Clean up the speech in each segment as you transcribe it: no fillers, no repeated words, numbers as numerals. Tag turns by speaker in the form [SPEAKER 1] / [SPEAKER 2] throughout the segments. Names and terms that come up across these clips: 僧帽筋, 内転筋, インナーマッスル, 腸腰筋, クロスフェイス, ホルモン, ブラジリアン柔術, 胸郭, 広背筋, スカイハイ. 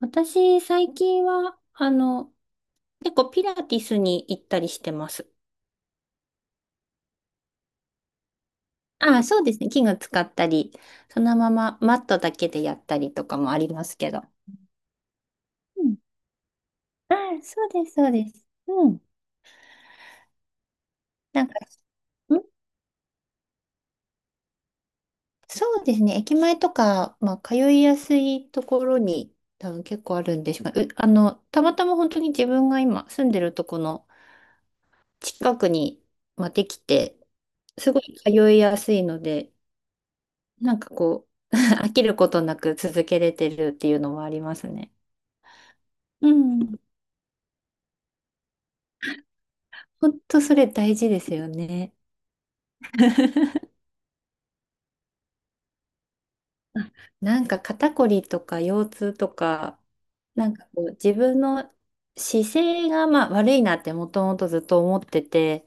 [SPEAKER 1] 私、最近は、結構ピラティスに行ったりしてます。ああ、そうですね。器具使ったり、そのままマットだけでやったりとかもありますけど。うん。ああ、そうです、そうです。うん。なんか、んそうですね。駅前とか、まあ、通いやすいところに多分結構あるんでしょうね。あの、たまたま本当に自分が今住んでるとこの近くに、まあ、できて、すごい通いやすいので、なんかこう、飽きることなく続けれてるっていうのはありますね。うん。本当それ大事ですよね。あなんか肩こりとか腰痛とか、なんかこう自分の姿勢がまあ悪いなってもともとずっと思ってて、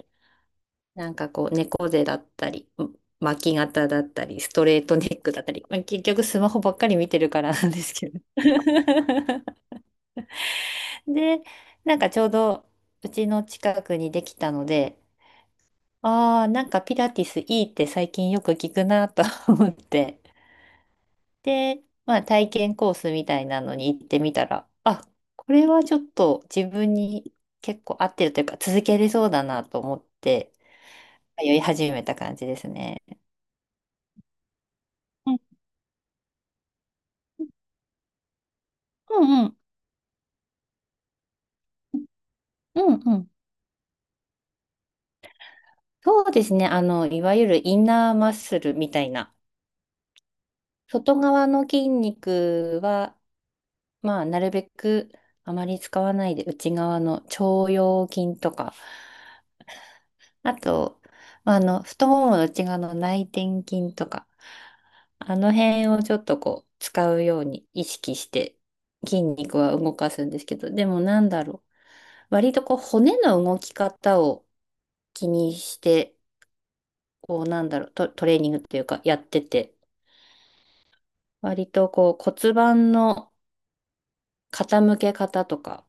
[SPEAKER 1] なんかこう猫背だったり、うん、巻き肩だったり、ストレートネックだったり、まあ結局スマホばっかり見てるからなんですけど。で、なんかちょうどうちの近くにできたので、ああ、なんかピラティスいいって最近よく聞くなと 思って。で、まあ体験コースみたいなのに行ってみたら、あ、これはちょっと自分に結構合ってるというか続けれそうだなと思って通い始めた感じですね。うんうんうんうんうん。そうですね。あの、いわゆるインナーマッスルみたいな。外側の筋肉は、まあ、なるべくあまり使わないで内側の腸腰筋とか、あと、まあ、太ももの内側の内転筋とか、あの辺をちょっとこう、使うように意識して、筋肉は動かすんですけど、でもなんだろう。割とこう、骨の動き方を気にして、こう、なんだろう、トレーニングっていうか、やってて、割とこう、骨盤の傾け方とか、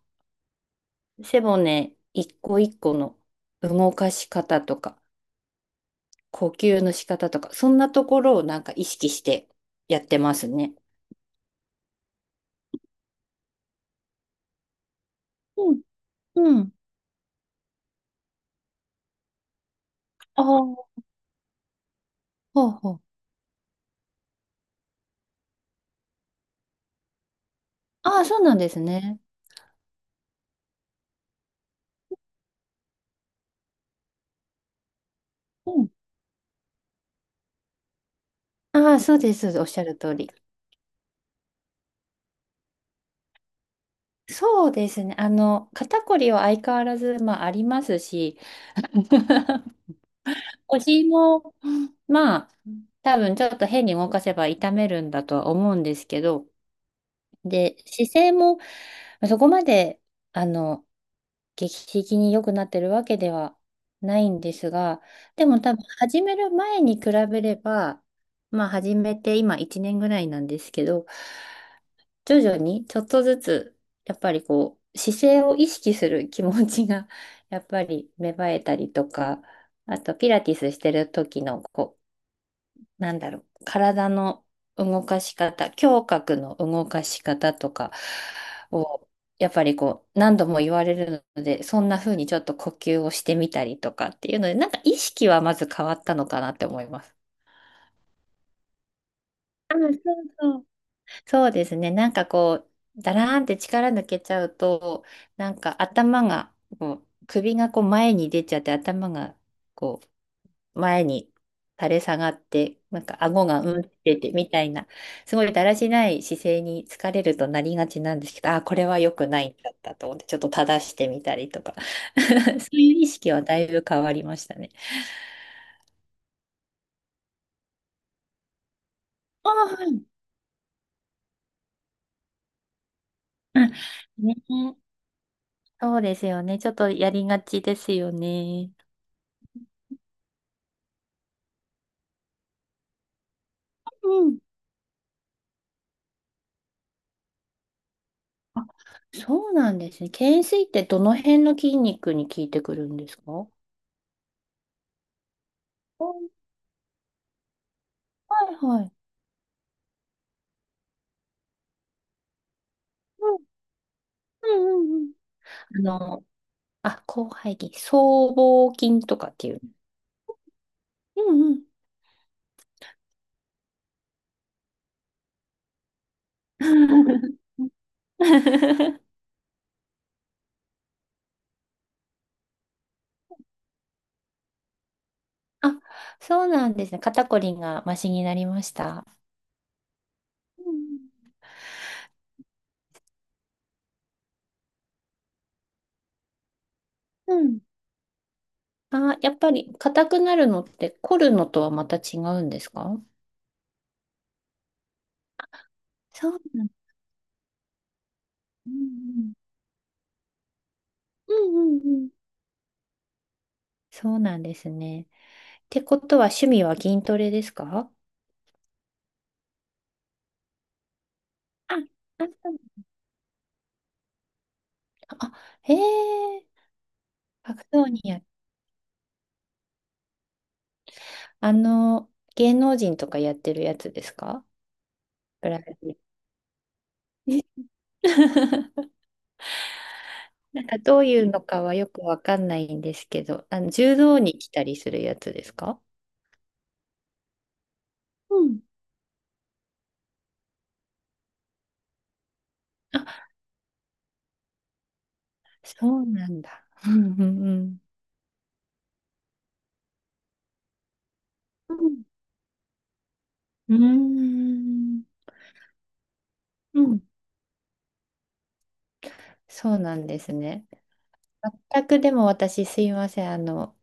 [SPEAKER 1] 背骨一個一個の動かし方とか、呼吸の仕方とか、そんなところをなんか意識してやってますね。うん、うん。ああ、ほうほう。ああ、そうなんですね。うん、ああ、そうです、そうです。おっしゃる通り。そうですね。あの、肩こりは相変わらず、まあ、ありますし、腰も、まあ、多分ちょっと変に動かせば痛めるんだとは思うんですけど、で、姿勢もまあそこまで、あの、劇的に良くなってるわけではないんですが、でも多分始める前に比べれば、まあ始めて今1年ぐらいなんですけど、徐々にちょっとずつ、やっぱりこう、姿勢を意識する気持ちが、やっぱり芽生えたりとか、あとピラティスしてる時のなんだろう、体の動かし方、胸郭の動かし方とかを、やっぱりこう、何度も言われるので、そんな風にちょっと呼吸をしてみたりとかっていうので、なんか意識はまず変わったのかなって思います。あ、そう。そうですね。なんかこう、だらーんって力抜けちゃうと、なんか頭が、こう、首がこう前に出ちゃって頭がこう前に垂れ下がって、なんか顎がうんっててみたいな、すごいだらしない姿勢に疲れるとなりがちなんですけど、あ、これは良くないんだったと思って、ちょっと正してみたりとか、そういう意識はだいぶ変わりましたね。ああ、はい。あね、そうですよね。ちょっとやりがちですよね。うん。あ、そうなんですね。懸垂ってどの辺の筋肉に効いてくるんですか？お、はいはい。うんうんうんうん。あのあ、広背筋。僧帽筋とかっていう。うんうん。あ、そうなんですね。肩こりがマシになりました。うんうん。あ、やっぱり硬くなるのって凝るのとはまた違うんですか？そうなんうんうんうんうんうん。そうなんですね。ってことは趣味は筋トレですか？あ、あ、そう、あ、へえ、格闘にや、あの、芸能人とかやってるやつですか？ぐらい。なんかどういうのかはよくわかんないんですけど、あの柔道に来たりするやつですか？うん。あ、そうなんだ。うんうんうん。うん。うん。うん。そうなんですね。全くでも私すいません。あの、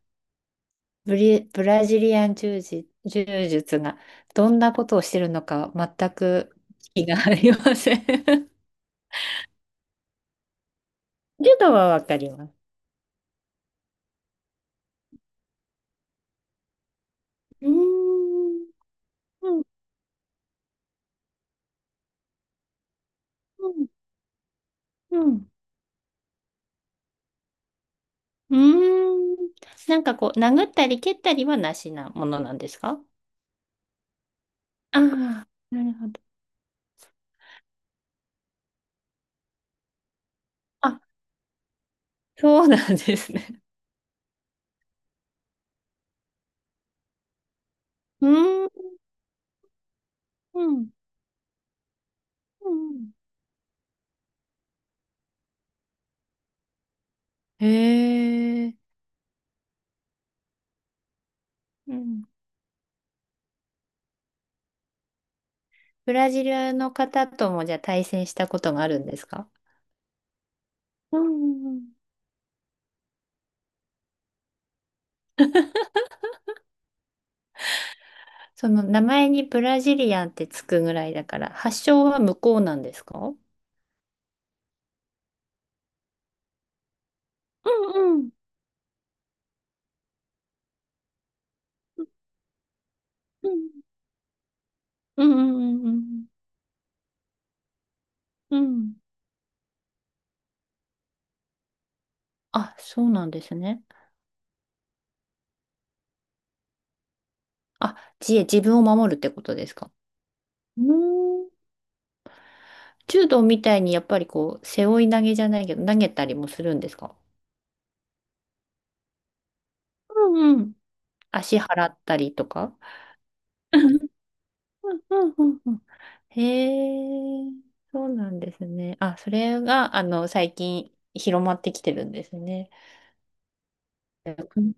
[SPEAKER 1] ブラジリアン柔術、柔術がどんなことをしてるのか全く気がありません。柔道はわかります。うーん。うん。うん。うんうーん。なんかこう、殴ったり蹴ったりはなしなものなんですか？ああ、なるほど。あ、そうなんですね。うーん。うんうん。へえ。うん。ブラジルの方ともじゃあ対戦したことがあるんですか？うんうんうん。その名前にブラジリアンってつくぐらいだから、発祥は向こうなんですか？うんうんうんうんうんうんうんうん。あ、そうなんですね。あ、自衛、自分を守るってことですか？うーん。柔道みたいにやっぱりこう、背負い投げじゃないけど、投げたりもするんですか？うんうん。足払ったりとか。うんうんうん。へえ、そうなんですね。あ、それが、あの、最近広まってきてるんですね。うん。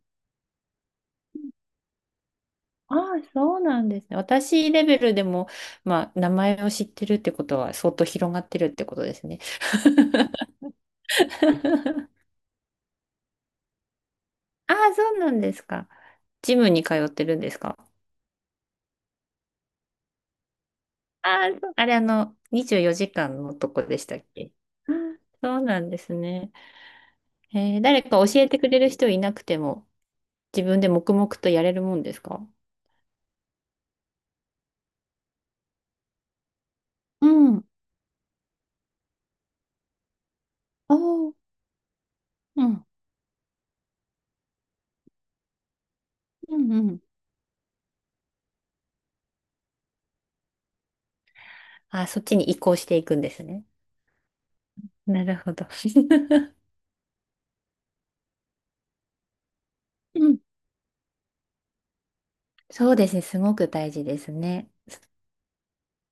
[SPEAKER 1] ああ、そうなんですね。私レベルでも、まあ、名前を知ってるってことは相当広がってるってことですね。ああ、そうなんですか。ジムに通ってるんですか？あー、あれあの、24時間のとこでしたっけ？あー、そうなんですね。えー誰か教えてくれる人いなくても、自分で黙々とやれるもんですか？うん。おー、うん。うんうん。あー、そっちに移行していくんですね。なるほど。うん。そうですね。すごく大事ですね。